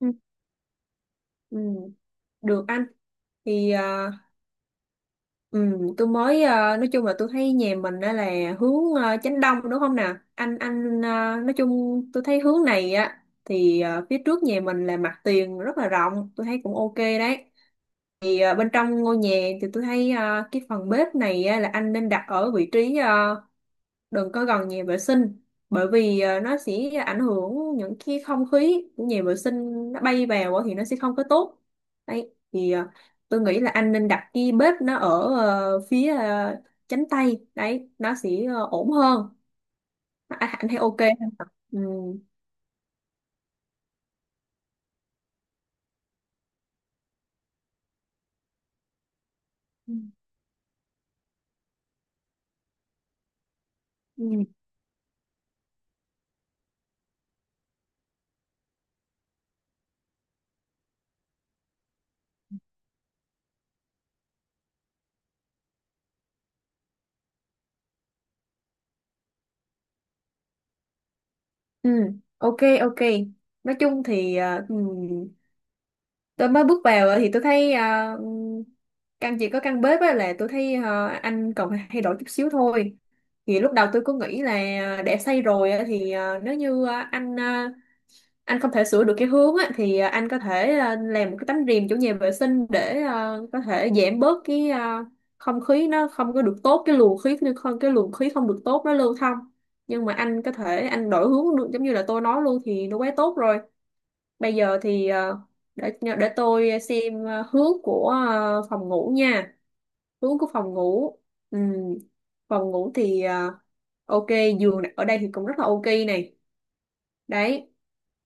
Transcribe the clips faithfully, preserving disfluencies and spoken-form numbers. Ừ, ừ, được anh. Thì à, ừ, tôi mới à, nói chung là tôi thấy nhà mình đó là hướng à, chánh đông, đúng không nè anh? Anh à, nói chung tôi thấy hướng này á, thì à, phía trước nhà mình là mặt tiền rất là rộng, tôi thấy cũng ok đấy. Thì à, bên trong ngôi nhà thì tôi thấy à, cái phần bếp này á là anh nên đặt ở vị trí, ờ, đừng có gần nhà vệ sinh, bởi vì ờ, nó sẽ ảnh hưởng, những cái không khí của nhà vệ sinh nó bay vào á thì nó sẽ không có tốt. Đấy thì ờ, tôi nghĩ là anh nên đặt cái bếp nó ở ờ, phía ờ, chánh tay đấy, nó sẽ ờ, ổn hơn. Anh, anh thấy ok không? Ừ. Ừ. Ừ. Ừ, ok, ok. Nói chung thì ờ, ừ, tôi mới bước vào thì tôi thấy à, căn chỉ có căn bếp á là tôi thấy ờ, anh còn thay đổi chút xíu thôi. Thì lúc đầu tôi cứ nghĩ là để xây rồi á, thì ờ, nếu như ờ, anh ờ, anh không thể sửa được cái hướng á thì ờ, anh có thể ờ, làm một cái tấm rèm chỗ nhà vệ sinh để ờ, có thể giảm bớt cái ờ, không khí nó không có được tốt, cái luồng khí không cái luồng khí không được tốt nó lưu thông. Nhưng mà anh có thể anh đổi hướng được, giống như là tôi nói luôn thì nó quá tốt rồi. Bây giờ thì ờ, để để tôi xem ờ, hướng của ờ, phòng ngủ nha. Hướng của phòng ngủ. Ừm, Phòng ngủ thì ờ, ok, giường ở đây thì cũng rất là ok này. Đấy.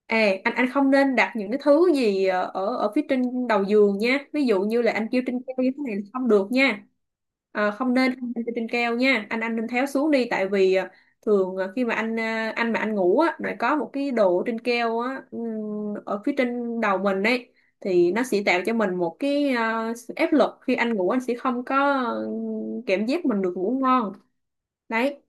À anh anh không nên đặt những cái thứ gì ờ, ở ở phía trên đầu giường nha, ví dụ như là anh kêu trên keo như thế này là không được nha. Ờ, không nên không nên kêu trên keo nha, anh anh nên tháo xuống đi, tại vì ờ, thường ờ, khi mà anh ờ, anh mà anh ngủ á, lại có một cái đồ trên keo á, ừm, ở phía trên đầu mình ấy, thì nó sẽ tạo cho mình một cái ờ, sự áp lực, khi anh ngủ anh sẽ không có ờ, cảm giác mình được ngủ ngon. Đấy.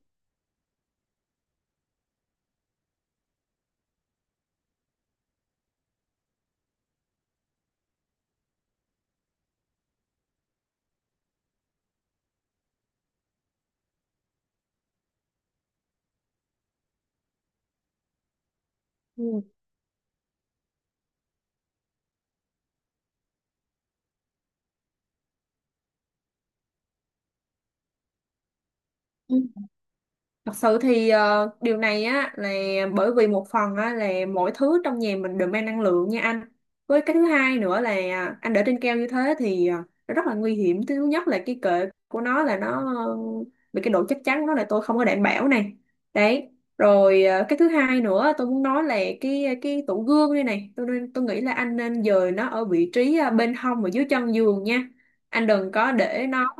Ừ. Thật sự thì ờ, điều này á là bởi vì một phần á là mỗi thứ trong nhà mình đều mang năng lượng nha anh. Với cái thứ hai nữa là à, anh để trên keo như thế thì ờ, nó rất là nguy hiểm. Thứ nhất là cái kệ của nó là nó ờ, bị, cái độ chắc chắn nó là tôi không có đảm bảo này. Đấy. Rồi ờ, cái thứ hai nữa tôi muốn nói là cái ờ, cái tủ gương đây này. Tôi nên tôi nghĩ là anh nên dời nó ở vị trí ờ, bên hông và dưới chân giường nha. Anh đừng có để nó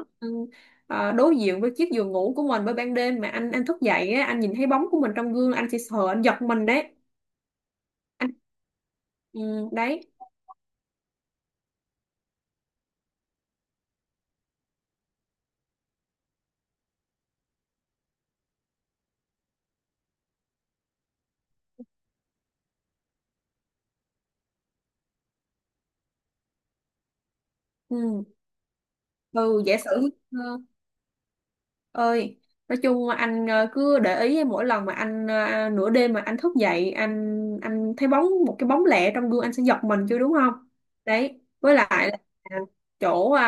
ờ, đối diện với chiếc giường ngủ của mình, bởi ban đêm mà anh anh thức dậy á, anh nhìn thấy bóng của mình trong gương anh sẽ sợ, anh giật mình đấy anh. Ừ. Đấy. Ừ. Ừ giả sử, ờ, ơi, nói chung anh ờ, cứ để ý mỗi lần mà anh, ờ, nửa đêm mà anh thức dậy, anh anh thấy bóng, một cái bóng lẻ trong gương anh sẽ giật mình chứ, đúng không? Đấy, với lại là, à, chỗ à,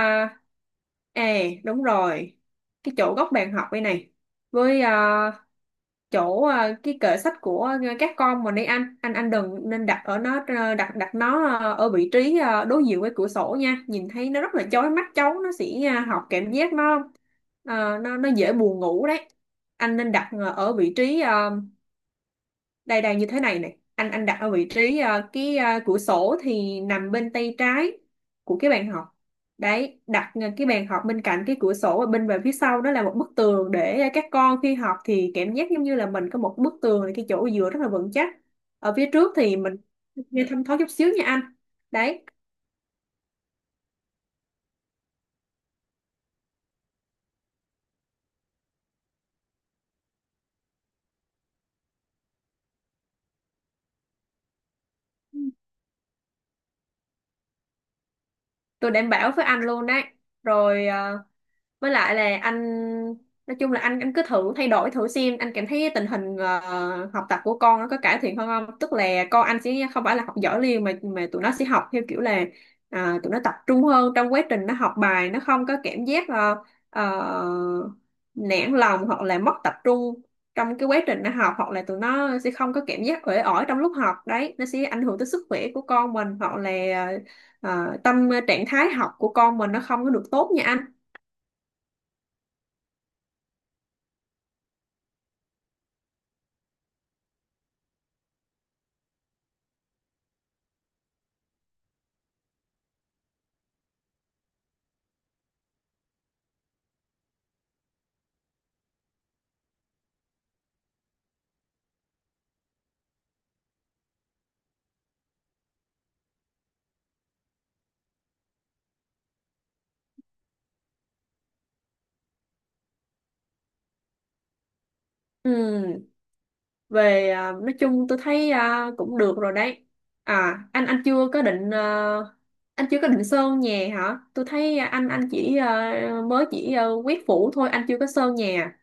à đúng rồi, cái chỗ góc bàn học đây này, với à, chỗ ờ, cái kệ sách của ờ, các con, mà đi anh anh anh đừng nên đặt ở nó, ờ, đặt đặt nó ờ, ở vị trí ờ, đối diện với cửa sổ nha, nhìn thấy nó rất là chói mắt, cháu nó sẽ ờ, học cảm giác nó ờ, nó nó dễ buồn ngủ đấy. Anh nên đặt ờ, ở vị trí ờ, đây đây như thế này này, anh anh đặt ở vị trí ờ, cái ờ, cửa sổ thì nằm bên tay trái của cái bàn học. Đấy, đặt ờ, cái bàn học bên cạnh cái cửa sổ và bên về phía sau đó là một bức tường, để các con khi học thì cảm giác giống như là mình có một bức tường, cái chỗ dựa rất là vững chắc, ở phía trước thì mình nghe thâm thoáng chút xíu nha anh. Đấy. Tôi đảm bảo với anh luôn đấy. Rồi ờ, với lại là anh, nói chung là anh anh cứ thử thay đổi thử xem, anh cảm thấy tình hình ờ, học tập của con nó có cải thiện hơn không, tức là con anh sẽ không phải là học giỏi liền mà mà tụi nó sẽ học theo kiểu là à, tụi nó tập trung hơn trong quá trình nó học bài, nó không có cảm giác ờ, ờ, nản lòng hoặc là mất tập trung trong cái quá trình nó học, hoặc là tụi nó sẽ không có cảm giác uể oải trong lúc học đấy, nó sẽ ảnh hưởng tới sức khỏe của con mình, hoặc là ờ, tâm trạng thái học của con mình nó không có được tốt nha anh. Ừ, về à, nói chung tôi thấy à, cũng được rồi đấy. À anh anh chưa có định à, anh chưa có định sơn nhà hả? Tôi thấy anh anh chỉ à, mới chỉ à, quét phủ thôi, anh chưa có sơn nhà.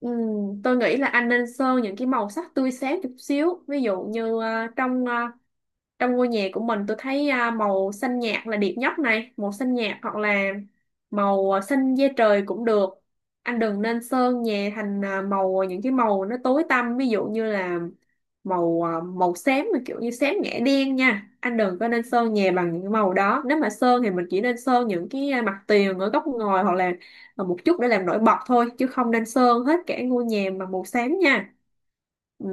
Ừm, tôi nghĩ là anh nên sơn những cái màu sắc tươi sáng chút xíu, ví dụ như à, trong à, trong ngôi nhà của mình tôi thấy à, màu xanh nhạt là đẹp nhất này, màu xanh nhạt hoặc là màu à, xanh da trời cũng được. Anh đừng nên sơn nhà thành à, màu, à, những cái màu nó tối tăm, ví dụ như là màu à, màu xám mà kiểu như xám ngã đen nha, anh đừng có nên sơn nhà bằng những màu đó. Nếu mà sơn thì mình chỉ nên sơn những cái à, mặt tiền ở góc ngồi hoặc là à, một chút để làm nổi bật thôi, chứ không nên sơn hết cả ngôi nhà bằng màu xám nha. Ừ.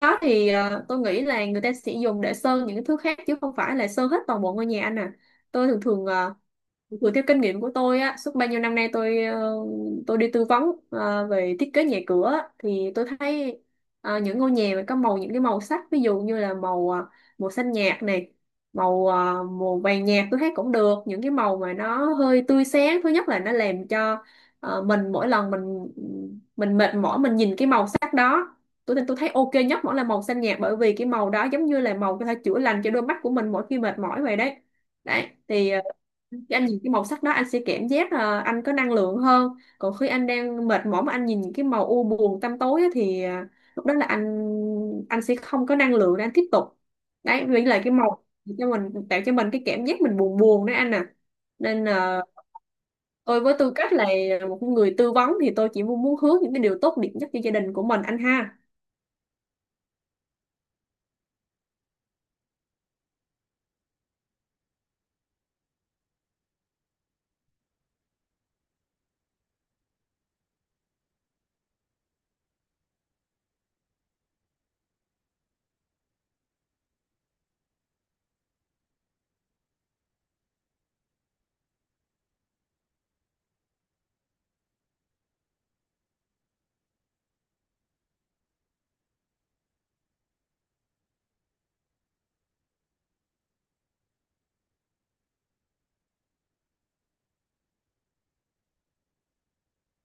Đó thì ờ, tôi nghĩ là người ta sẽ dùng để sơn những cái thứ khác chứ không phải là sơn hết toàn bộ ngôi nhà anh à. Tôi thường thường, ờ, dựa theo kinh nghiệm của tôi á, suốt bao nhiêu năm nay tôi ờ, tôi đi tư vấn ờ, về thiết kế nhà cửa á, thì tôi thấy ờ, những ngôi nhà mà có màu, những cái màu sắc ví dụ như là màu ờ, màu xanh nhạt này, màu ờ, màu vàng nhạt tôi thấy cũng được. Những cái màu mà nó hơi tươi sáng, thứ nhất là nó làm cho ờ, mình, mỗi lần mình mình mệt mỏi mình nhìn cái màu sắc đó, tôi tôi thấy ok nhất vẫn là màu xanh nhạt, bởi vì cái màu đó giống như là màu có thể chữa lành cho đôi mắt của mình mỗi khi mệt mỏi vậy đấy. Đấy thì ờ, khi anh nhìn cái màu sắc đó anh sẽ cảm giác là anh có năng lượng hơn. Còn khi anh đang mệt mỏi mà anh nhìn những cái màu u buồn tăm tối á, thì à, lúc đó là anh anh sẽ không có năng lượng để anh tiếp tục. Đấy, vì là cái màu cho mình, tạo cho mình cái cảm giác mình buồn buồn đấy anh à. Nên là tôi với tư cách là một người tư vấn thì tôi chỉ muốn muốn hướng những cái điều tốt đẹp nhất cho gia đình của mình anh ha.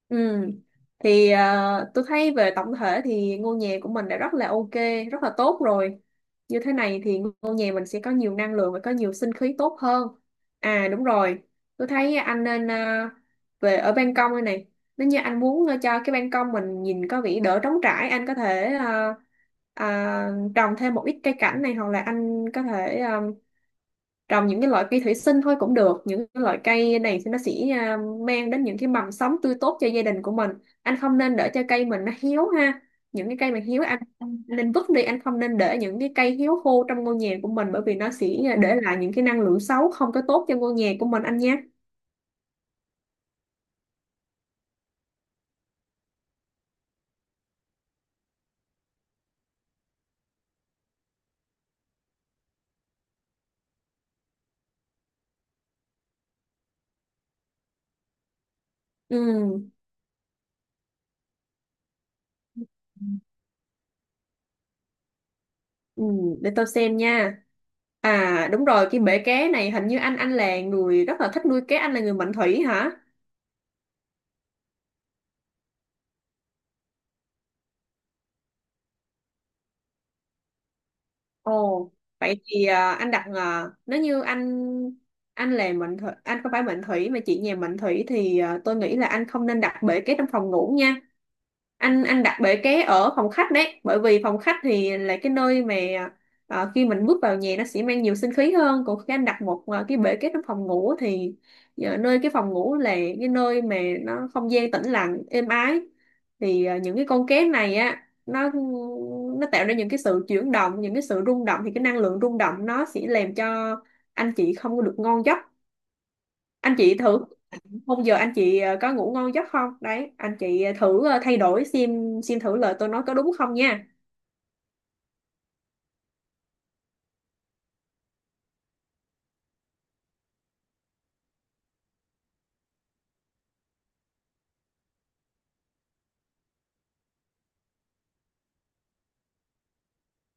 Ừ. Thì ờ, tôi thấy về tổng thể thì ngôi nhà của mình đã rất là ok, rất là tốt rồi. Như thế này thì ngôi nhà mình sẽ có nhiều năng lượng và có nhiều sinh khí tốt hơn. À đúng rồi, tôi thấy anh nên, ờ, về ở ban công đây này, nếu như anh muốn ờ, cho cái ban công mình nhìn có vẻ đỡ trống trải, anh có thể ờ, ờ, trồng thêm một ít cây cảnh này, hoặc là anh có thể ờ, trồng những cái loại cây thủy sinh thôi cũng được. Những cái loại cây này thì nó sẽ à, mang đến những cái mầm sống tươi tốt cho gia đình của mình. Anh không nên để cho cây mình nó héo ha, những cái cây mà héo anh, anh nên vứt đi, anh không nên để những cái cây héo khô trong ngôi nhà của mình, bởi vì nó sẽ à, để lại những cái năng lượng xấu không có tốt cho ngôi nhà của mình anh nhé. Ừ. Ừ, để tôi xem nha. À đúng rồi, cái bể cá này, hình như anh anh là người rất là thích nuôi cá, anh là người mệnh thủy hả? Ồ, vậy thì à, anh đặt à, nếu như anh anh là mệnh thủy, anh không phải mệnh thủy mà chị nhà mệnh thủy, thì à, tôi nghĩ là anh không nên đặt bể ké trong phòng ngủ nha. Anh anh đặt bể ké ở phòng khách đấy, bởi vì phòng khách thì là cái nơi mà à, khi mình bước vào nhà nó sẽ mang nhiều sinh khí hơn. Còn khi anh đặt một à, cái bể ké trong phòng ngủ thì à, nơi cái phòng ngủ là cái nơi mà nó không gian tĩnh lặng, êm ái. Thì à, những cái con cá này á, nó nó tạo ra những cái sự chuyển động, những cái sự rung động, thì cái năng lượng rung động nó sẽ làm cho anh chị không có được ngon giấc. Anh chị thử, hôm giờ anh chị ờ, có ngủ ngon giấc không đấy? Anh chị ờ, thử ờ, thay đổi, xem xem thử lời tôi nói có đúng không nha.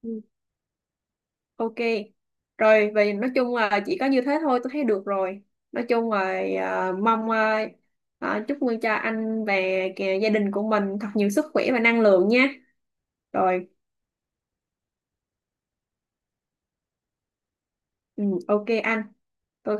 Ừ. Ok, rồi vì nói chung là chỉ có như thế thôi tôi thấy được rồi. Nói chung là ờ, mong ờ, ờ, chúc mừng cho anh và kìa gia đình của mình thật nhiều sức khỏe và năng lượng nha. Rồi. ừ, ok anh, tôi